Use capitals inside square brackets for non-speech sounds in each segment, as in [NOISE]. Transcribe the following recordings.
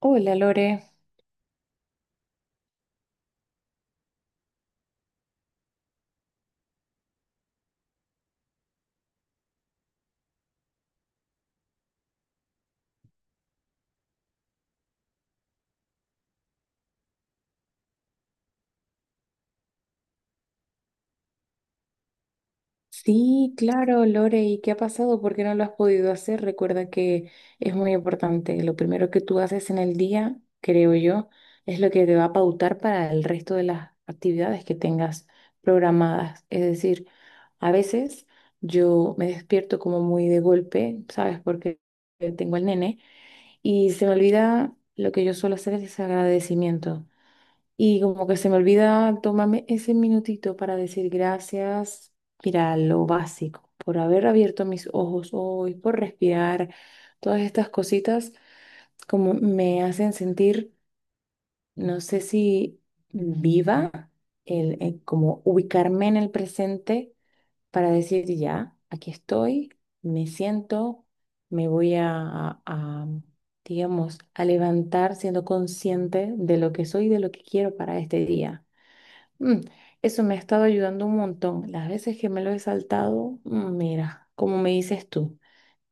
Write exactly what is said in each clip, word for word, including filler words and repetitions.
Hola Lore. Sí, claro, Lore, ¿y qué ha pasado? ¿Por qué no lo has podido hacer? Recuerda que es muy importante. Lo primero que tú haces en el día, creo yo, es lo que te va a pautar para el resto de las actividades que tengas programadas. Es decir, a veces yo me despierto como muy de golpe, ¿sabes? Porque tengo el nene y se me olvida lo que yo suelo hacer es agradecimiento. Y como que se me olvida tomarme ese minutito para decir gracias, mira, lo básico, por haber abierto mis ojos hoy, por respirar, todas estas cositas como me hacen sentir, no sé si viva, el, el como ubicarme en el presente para decir ya, aquí estoy, me siento, me voy a, a, digamos, a levantar siendo consciente de lo que soy y de lo que quiero para este día. Mm, Eso me ha estado ayudando un montón. Las veces que me lo he saltado, mm, mira, como me dices tú,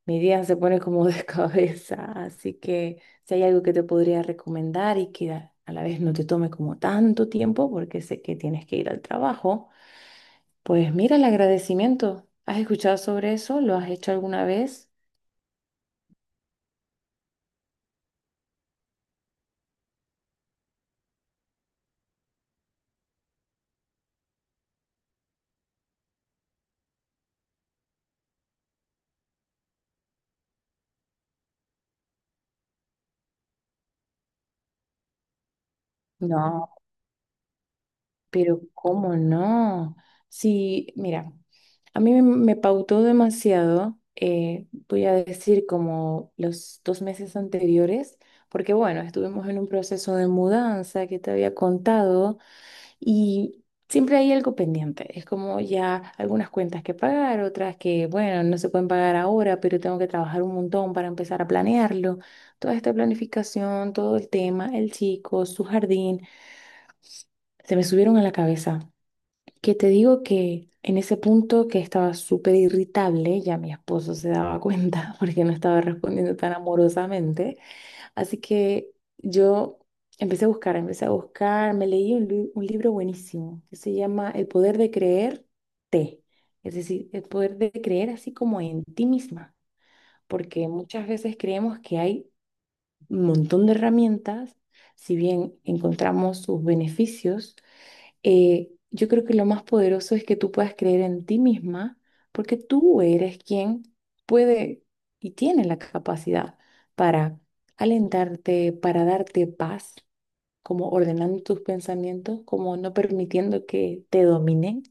mi día se pone como de [LAUGHS] cabeza. Así que si hay algo que te podría recomendar y que a a la vez no te tome como tanto tiempo, porque sé que tienes que ir al trabajo, pues mira el agradecimiento. ¿Has escuchado sobre eso? ¿Lo has hecho alguna vez? No, pero ¿cómo no? Sí, mira. A mí me, me pautó demasiado, eh, voy a decir como los dos meses anteriores, porque bueno, estuvimos en un proceso de mudanza que te había contado y siempre hay algo pendiente. Es como ya algunas cuentas que pagar, otras que bueno, no se pueden pagar ahora, pero tengo que trabajar un montón para empezar a planearlo. Toda esta planificación, todo el tema, el chico, su jardín, se me subieron a la cabeza. Que te digo que en ese punto que estaba súper irritable, ya mi esposo se daba cuenta [LAUGHS] porque no estaba respondiendo tan amorosamente. Así que yo empecé a buscar, empecé a buscar, me leí un, li- un libro buenísimo que se llama El poder de creerte. Es decir, el poder de creer así como en ti misma, porque muchas veces creemos que hay un montón de herramientas, si bien encontramos sus beneficios, eh, yo creo que lo más poderoso es que tú puedas creer en ti misma, porque tú eres quien puede y tiene la capacidad para alentarte, para darte paz, como ordenando tus pensamientos, como no permitiendo que te dominen.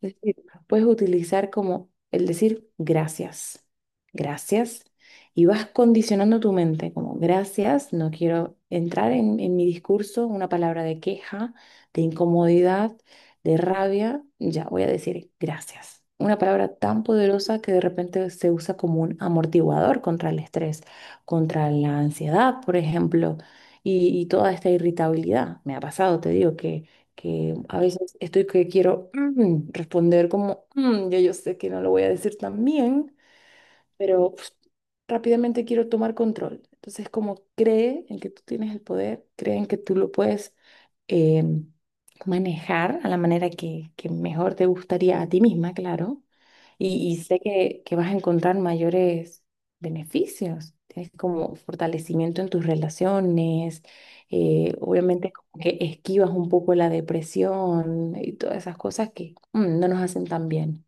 Es decir, puedes utilizar como el decir gracias, gracias, y vas condicionando tu mente como gracias, no quiero entrar en, en mi discurso una palabra de queja, de incomodidad, de rabia, ya voy a decir gracias. Una palabra tan poderosa que de repente se usa como un amortiguador contra el estrés, contra la ansiedad, por ejemplo, y, y toda esta irritabilidad. Me ha pasado, te digo, que a veces estoy que quiero mm, responder como, "Mm, ya yo sé que no lo voy a decir tan bien, pero pf, rápidamente quiero tomar control. Entonces, como cree en que tú tienes el poder, cree en que tú lo puedes em, manejar a la manera que, que mejor te gustaría a ti misma, claro. Y, y sé que, que vas a encontrar mayores beneficios. Tienes como fortalecimiento en tus relaciones, eh, obviamente como que esquivas un poco la depresión y todas esas cosas que mm, no nos hacen tan bien.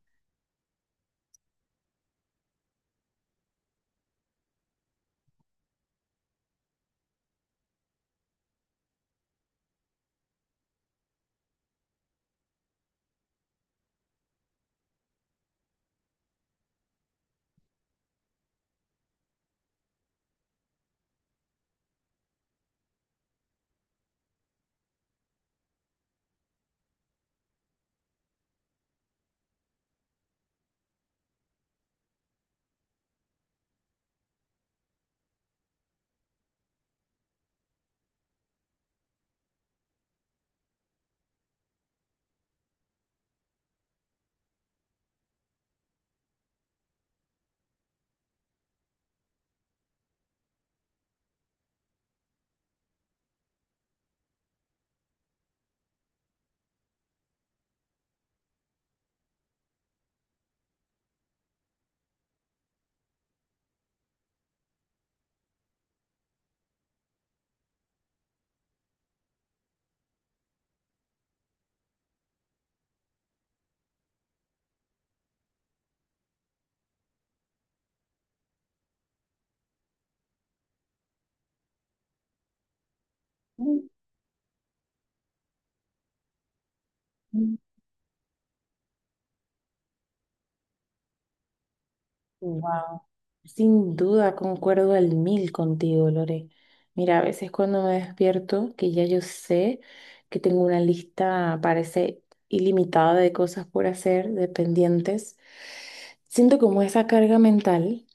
Mm. Wow. Sin duda concuerdo al mil contigo, Lore. Mira, a veces cuando me despierto, que ya yo sé que tengo una lista, parece ilimitada de cosas por hacer, de pendientes, siento como esa carga mental,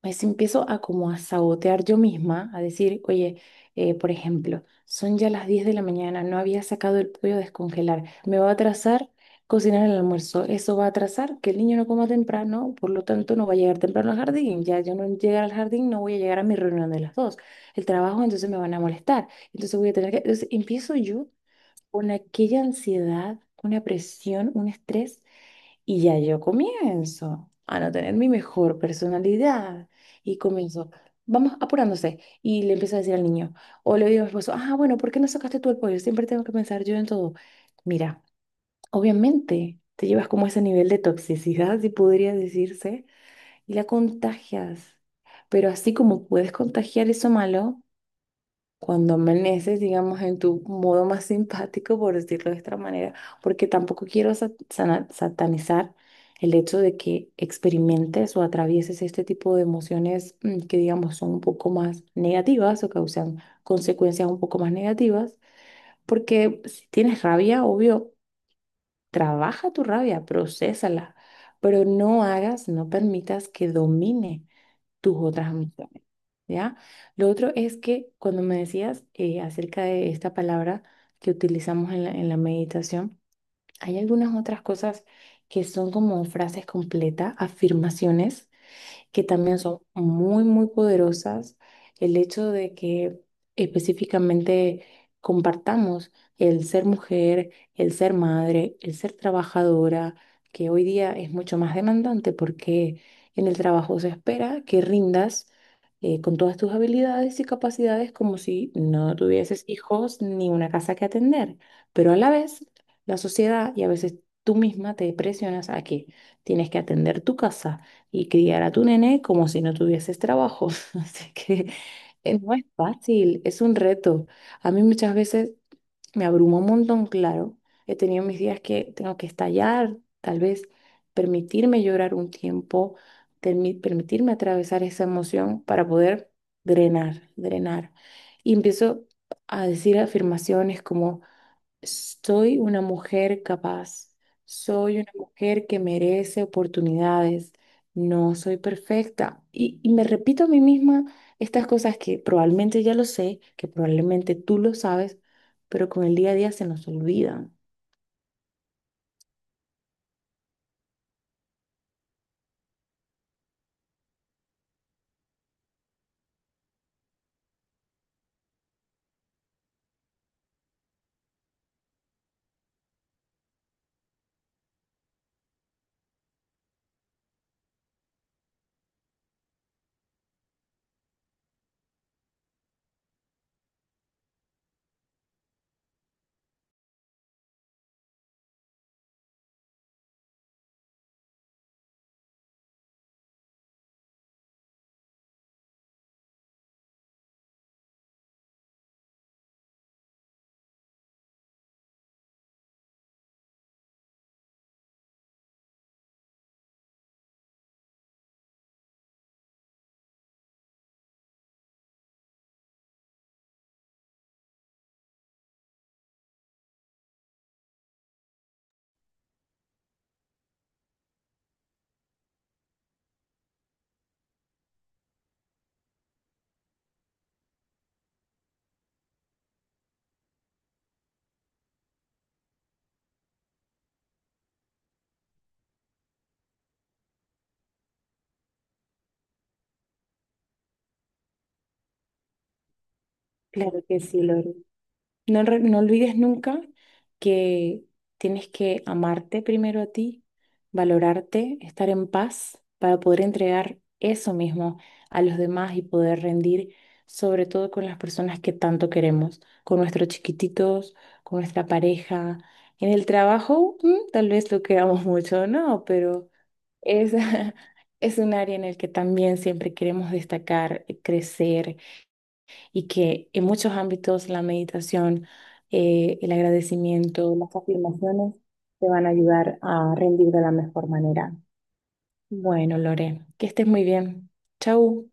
pues empiezo a como a sabotear yo misma, a decir, oye, eh, por ejemplo, son ya las diez de la mañana, no había sacado el pollo a descongelar, me va a atrasar cocinar el almuerzo, eso va a atrasar que el niño no coma temprano, por lo tanto no va a llegar temprano al jardín, ya yo no llegar al jardín, no voy a llegar a mi reunión de las dos, el trabajo entonces me van a molestar, entonces voy a tener que, entonces empiezo yo con aquella ansiedad, una presión, un estrés y ya yo comienzo a no tener mi mejor personalidad. Y comienzo, vamos apurándose. Y le empiezo a decir al niño, o le digo a mi esposo, ah, bueno, ¿por qué no sacaste tú el pollo? Siempre tengo que pensar yo en todo. Mira, obviamente te llevas como ese nivel de toxicidad, si podría decirse, y la contagias. Pero así como puedes contagiar eso malo, cuando amaneces, digamos, en tu modo más simpático, por decirlo de esta manera, porque tampoco quiero sa- sana- satanizar el hecho de que experimentes o atravieses este tipo de emociones, mm, que, digamos, son un poco más negativas o causan consecuencias un poco más negativas, porque si tienes rabia, obvio, trabaja tu rabia, procésala, pero no hagas, no permitas que domine tus otras amistades, ¿ya? Lo otro es que cuando me decías, eh, acerca de esta palabra que utilizamos en la, en la meditación, hay algunas otras cosas que son como frases completas, afirmaciones que también son muy, muy poderosas. El hecho de que específicamente compartamos el ser mujer, el ser madre, el ser trabajadora, que hoy día es mucho más demandante porque en el trabajo se espera que rindas, eh, con todas tus habilidades y capacidades como si no tuvieses hijos ni una casa que atender. Pero a la vez, la sociedad y a veces tú misma te presionas a que tienes que atender tu casa y criar a tu nene como si no tuvieses trabajo. [LAUGHS] Así que, eh, no es fácil, es un reto. A mí muchas veces me abrumó un montón, claro. He tenido mis días que tengo que estallar, tal vez permitirme llorar un tiempo, termi- permitirme atravesar esa emoción para poder drenar, drenar. Y empiezo a decir afirmaciones como... Soy una mujer capaz, soy una mujer que merece oportunidades, no soy perfecta. Y, y me repito a mí misma estas cosas que probablemente ya lo sé, que probablemente tú lo sabes, pero con el día a día se nos olvidan. Claro que sí, Lore. No, re- no olvides nunca que tienes que amarte primero a ti, valorarte, estar en paz para poder entregar eso mismo a los demás y poder rendir, sobre todo con las personas que tanto queremos, con nuestros chiquititos, con nuestra pareja. En el trabajo, mm, tal vez lo queramos mucho, no, pero es, [LAUGHS] es un área en el que también siempre queremos destacar, crecer y que en muchos ámbitos la meditación, eh, el agradecimiento, las afirmaciones te van a ayudar a rendir de la mejor manera. Bueno, Lore, que estés muy bien. Chau.